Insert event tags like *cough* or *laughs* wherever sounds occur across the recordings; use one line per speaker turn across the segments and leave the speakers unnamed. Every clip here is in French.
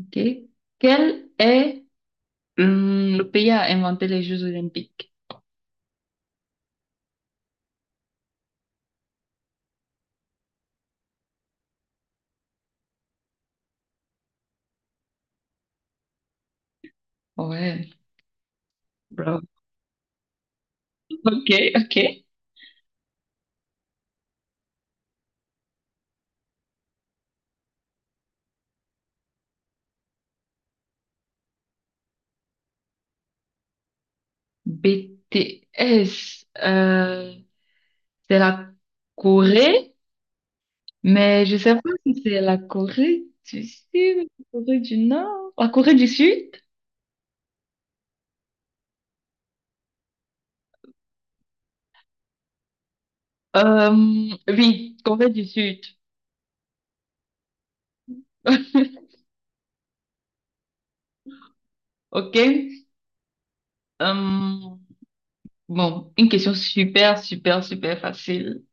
Ok. Quel est le pays à inventer les Jeux Olympiques? Ouais, bravo. Ok, ok. B BTS, c'est la Corée, mais je sais pas si c'est la Corée du Sud, la Corée du Nord, la Corée du Sud. Euh, oui, Corée du Sud. *laughs* Ok. Euh, bon, une question super, super, super facile.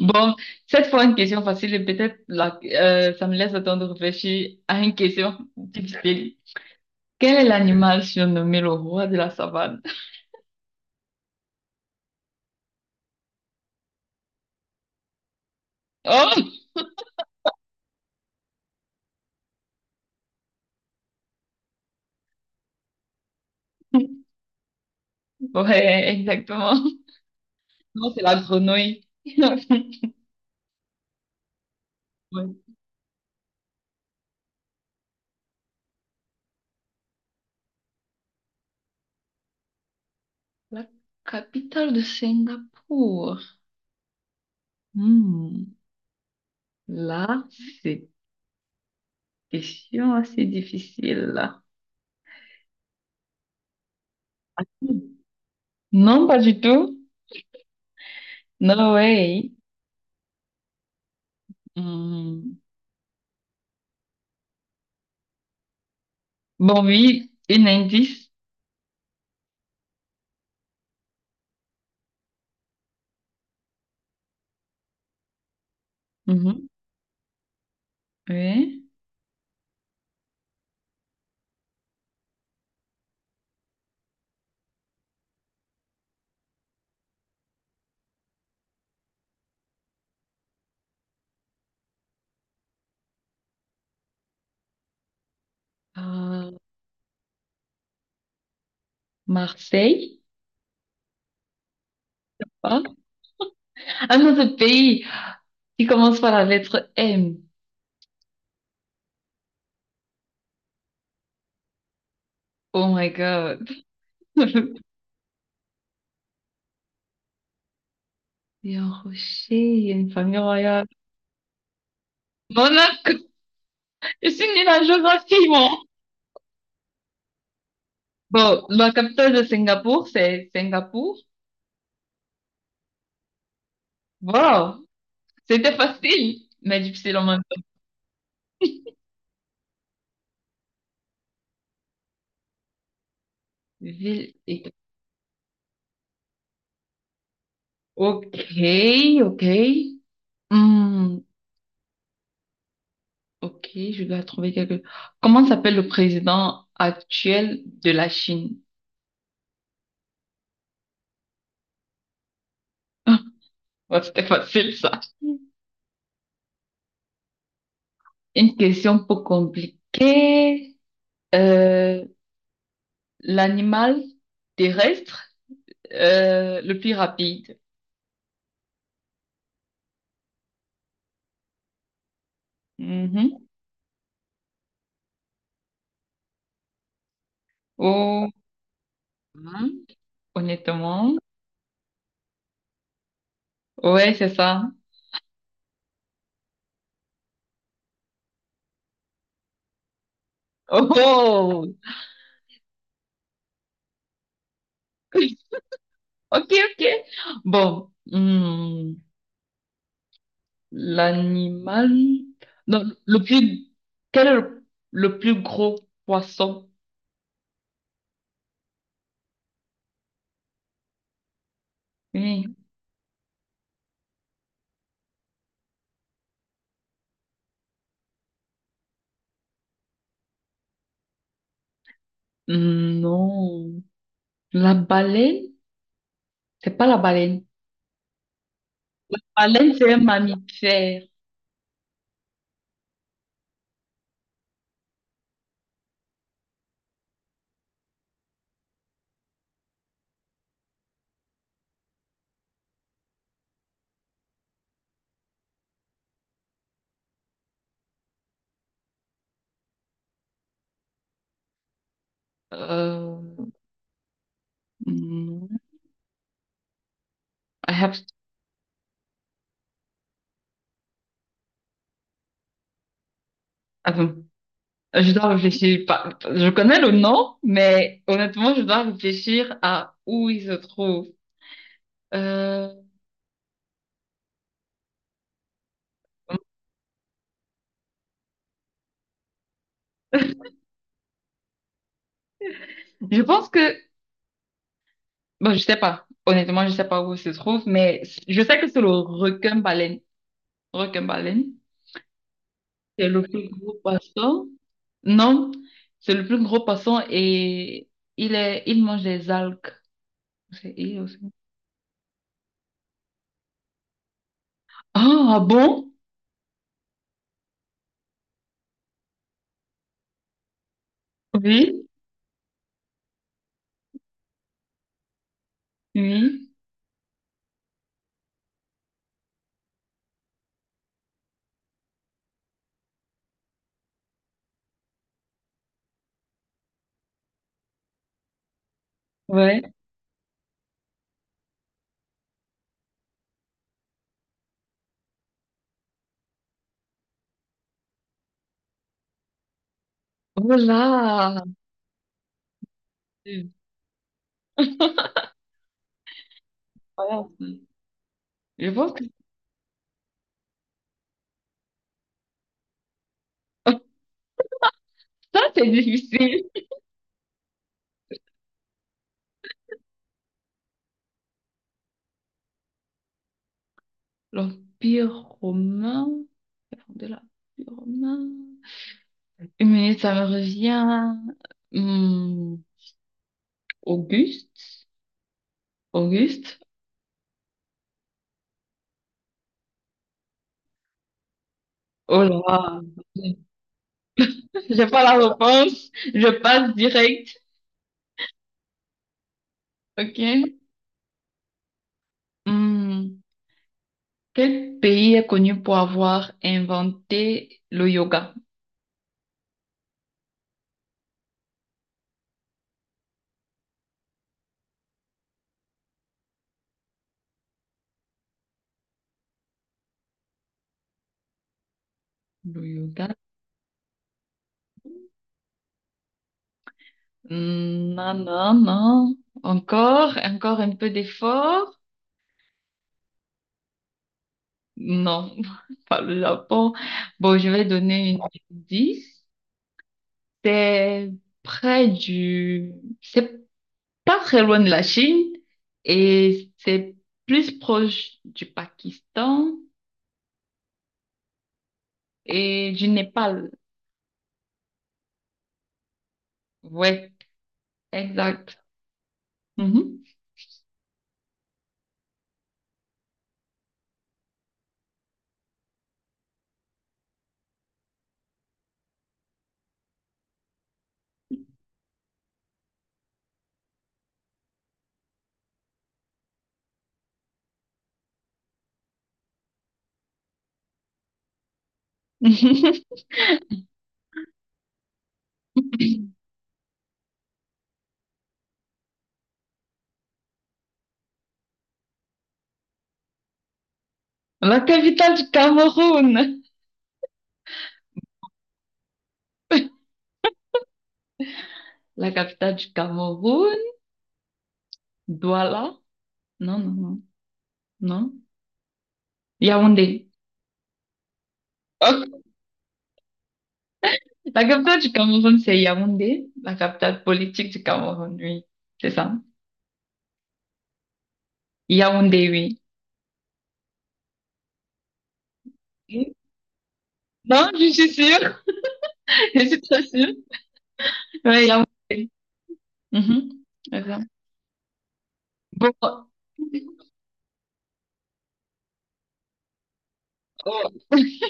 Bon, cette fois, une question facile et peut-être ça me laisse le temps de réfléchir à une question difficile. Quel est l'animal surnommé le roi de la savane? *laughs* Oh! Ouais, exactement. Non, c'est la grenouille. *laughs* Ouais. La capitale de Singapour. Hmm. Là, c'est une question assez difficile. Hmm. Non, pas du tout. No way. Hmm. Bon, oui, un indice. Mhm. Oui. Euh, Marseille? Pas? Ah non, ce pays qui commence par la lettre M. Oh my God. *laughs* Il y a un rocher, il y a une famille royale. Monaco! Je suis nulle en géographie, moi. Bon, la capitale de Singapour, c'est Singapour. Wow! C'était facile, mais difficile en même temps. Ville et... Ok, ok. Hmm, ok, je dois trouver quelque... Comment s'appelle le président actuel de la Chine? Ouais, c'était facile, ça. Une question peu compliquée. Euh, l'animal terrestre le plus rapide. Mhm. Oh, hein, honnêtement. Ouais, c'est ça. Oh, *laughs* ok, ok. Bon, hmm, l'animal. Non, le plus. Quel est le plus gros poisson? Oui. Hmm, non. La baleine? C'est pas la baleine. Baleine, c'est un mammifère. Euh, hmm, I have- Attends, je dois réfléchir. Je connais le nom, mais honnêtement, je dois réfléchir à où il se trouve. Euh, je pense que... Bon, je sais pas. Honnêtement, je sais pas où il se trouve, mais je sais que c'est le requin-baleine. Requin-baleine, c'est le plus gros poisson. Non, c'est le plus gros poisson et il mange des algues. C'est il aussi. Ah, ah bon? Oui. Oui, ouais. Voilà. Voilà. Je pense que *laughs* ça, c'est difficile. L'Empire romain. De l'Empire romain. Mais ça me revient. Hmm, Auguste. Auguste. Oh là. *laughs* J'ai pas la réponse. Je passe direct. OK. Hmm, quel pays est connu pour avoir inventé le yoga? Le yoga. Hmm, non, non, non. Encore, encore un peu d'effort. Non, *laughs* pas le Japon. Bon, je vais donner une 10. C'est près du... C'est pas très loin de la Chine et c'est plus proche du Pakistan et du Népal. Ouais, exact. Mhm. *laughs* La capitale du Cameroun. La capitale du Cameroun, Douala. Non, non, non, non. Yaoundé. Ok. La capitale du Cameroun, c'est Yaoundé. La capitale politique du Cameroun, oui. C'est ça. Yaoundé, oui. Oui. Non, je suis sûre. *laughs* Je suis très sûre. Oui, Yaoundé. Mhm. C'est ça. Bon. Oh, *laughs*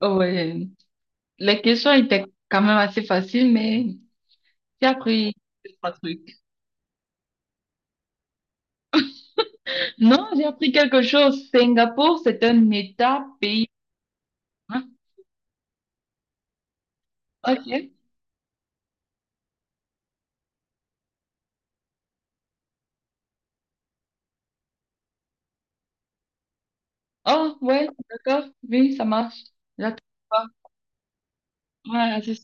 oh, ouais. Les questions étaient quand même assez faciles, mais j'ai appris deux, trois trucs. Non, j'ai appris quelque chose. Singapour, c'est un État pays. Hein? Ok. Oh, ouais, d'accord. Oui, ça marche. J'attends pas. Ouais, c'est